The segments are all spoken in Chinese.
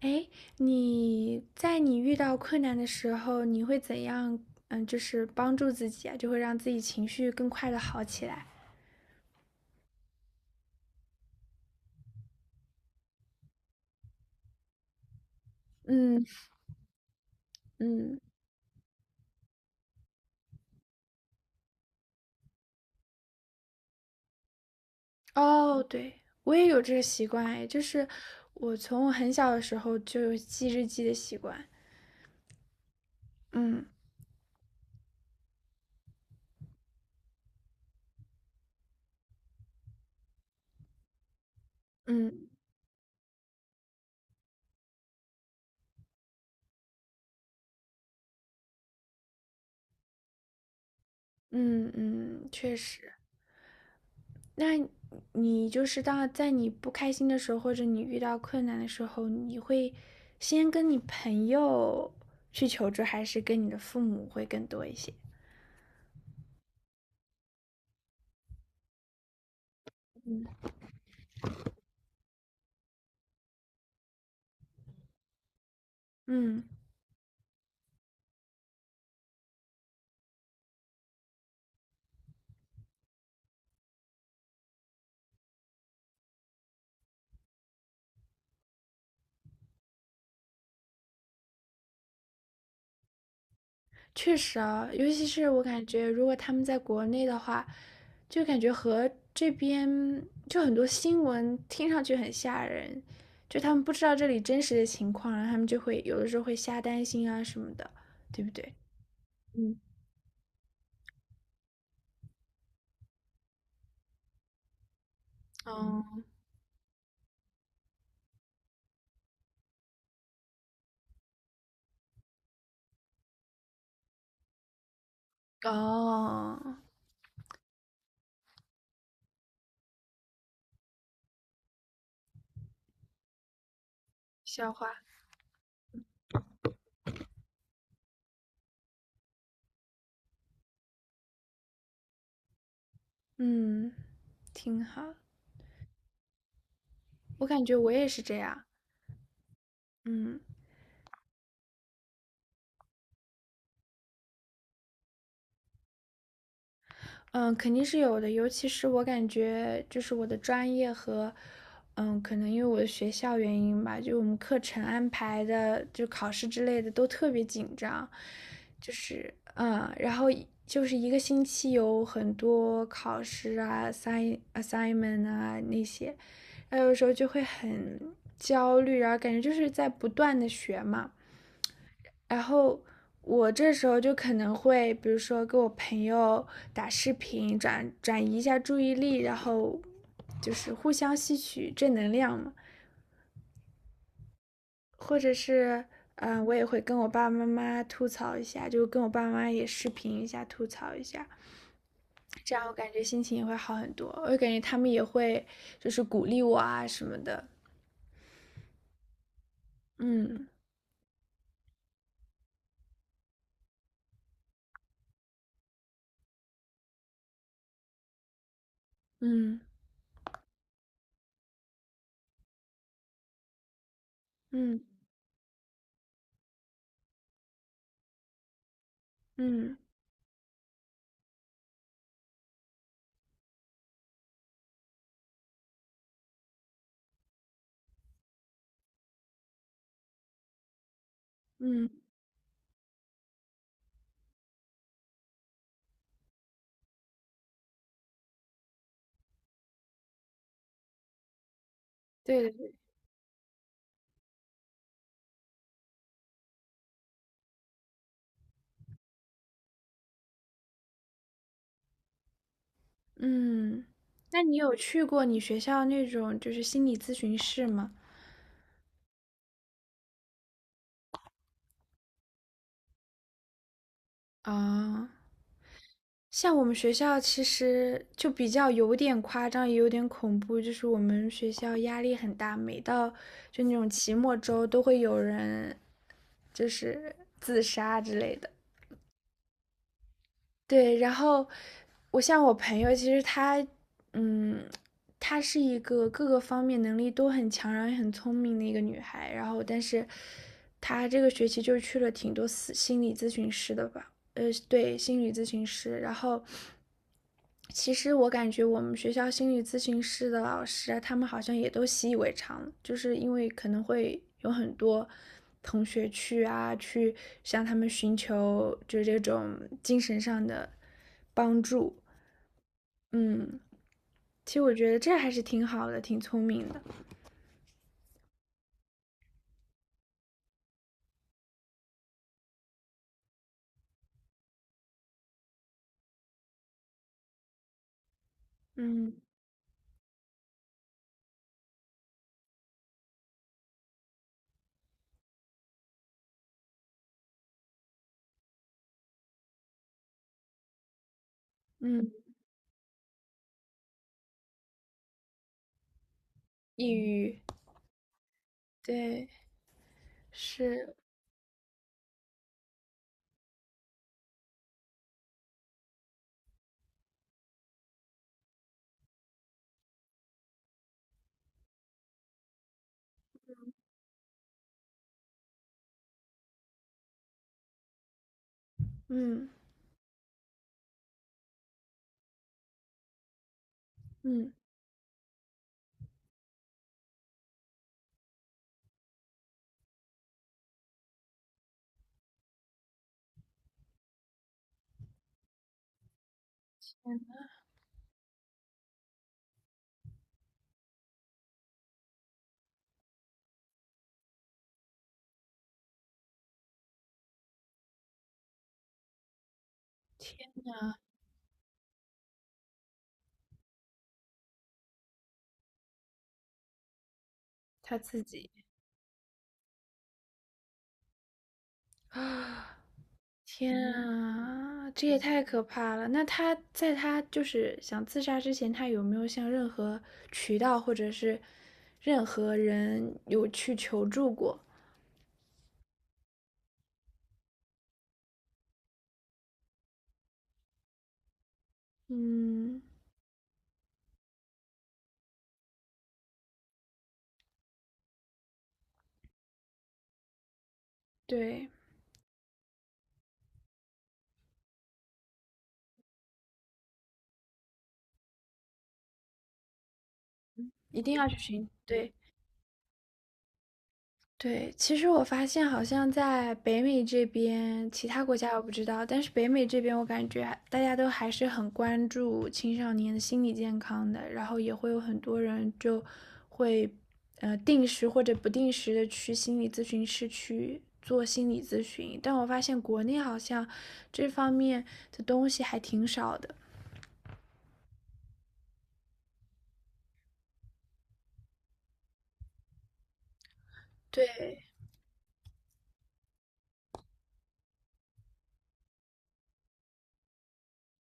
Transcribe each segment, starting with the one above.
哎，你在你遇到困难的时候，你会怎样？嗯，就是帮助自己啊，就会让自己情绪更快的好起来。嗯嗯。哦，对，我也有这个习惯，哎，就是我从我很小的时候就有记日记的习惯。嗯嗯嗯，确实。那你就是当在你不开心的时候，或者你遇到困难的时候，你会先跟你朋友去求助，还是跟你的父母会更多一些？嗯。嗯，确实啊，尤其是我感觉，如果他们在国内的话，就感觉和这边就很多新闻听上去很吓人，就他们不知道这里真实的情况，然后他们就会有的时候会瞎担心啊什么的，对不对？嗯。哦哦，笑话。嗯，挺好。我感觉我也是这样。嗯。嗯，肯定是有的，尤其是我感觉就是我的专业和，嗯，可能因为我的学校原因吧，就我们课程安排的，就考试之类的都特别紧张，就是然后一就是一个星期有很多考试啊、assignment 啊那些，然后有时候就会很焦虑，然后感觉就是在不断的学嘛。然后我这时候就可能会，比如说跟我朋友打视频，转移一下注意力，然后就是互相吸取正能量嘛。或者是，嗯，我也会跟我爸爸妈妈吐槽一下，就跟我爸妈妈也视频一下，吐槽一下，这样我感觉心情也会好很多。我感觉他们也会就是鼓励我啊什么的。嗯嗯嗯嗯嗯，对的。嗯，那你有去过你学校那种就是心理咨询室吗？啊，像我们学校其实就比较有点夸张，也有点恐怖，就是我们学校压力很大，每到就那种期末周都会有人就是自杀之类的。对，然后我像我朋友，其实她，嗯，她是一个各个方面能力都很强，然后也很聪明的一个女孩。然后，但是她这个学期就去了挺多私心理咨询师的吧，对，心理咨询师。然后，其实我感觉我们学校心理咨询师的老师啊，他们好像也都习以为常就是因为可能会有很多同学去啊，去向他们寻求就是这种精神上的帮助。嗯，其实我觉得这还是挺好的，挺聪明的。嗯。嗯，抑郁，对，是。嗯。嗯，天他自己啊。天啊，这也太可怕了！那他在他就是想自杀之前，他有没有向任何渠道或者是任何人有去求助过？嗯，对，一定要去寻，对。对，其实我发现好像在北美这边，其他国家我不知道，但是北美这边我感觉还大家都还是很关注青少年的心理健康的，然后也会有很多人就会定时或者不定时的去心理咨询室去做心理咨询，但我发现国内好像这方面的东西还挺少的。对。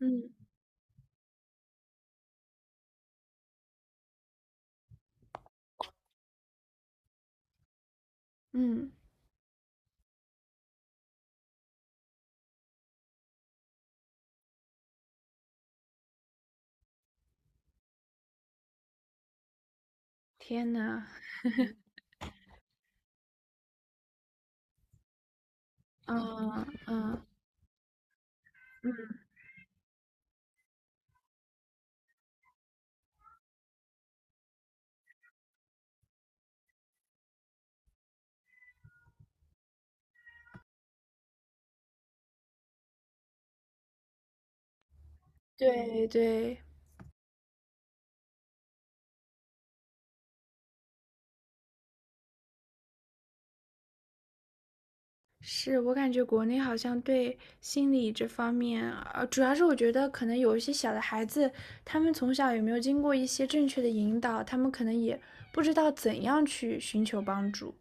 嗯。嗯，天呐。嗯，对对。是，我感觉国内好像对心理这方面，主要是我觉得可能有一些小的孩子，他们从小有没有经过一些正确的引导，他们可能也不知道怎样去寻求帮助。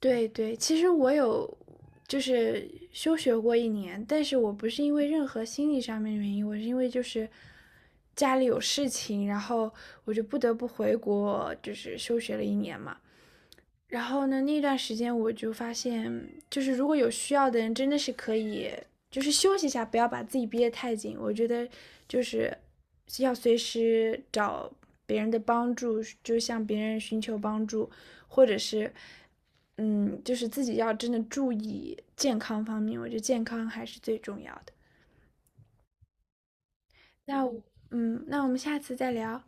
对对，其实我有就是休学过一年，但是我不是因为任何心理上面的原因，我是因为就是家里有事情，然后我就不得不回国，就是休学了一年嘛。然后呢，那段时间我就发现，就是如果有需要的人，真的是可以，就是休息一下，不要把自己憋得太紧。我觉得就是要随时找别人的帮助，就向别人寻求帮助，或者是，嗯，就是自己要真的注意健康方面，我觉得健康还是最重要的。那我嗯，那我们下次再聊。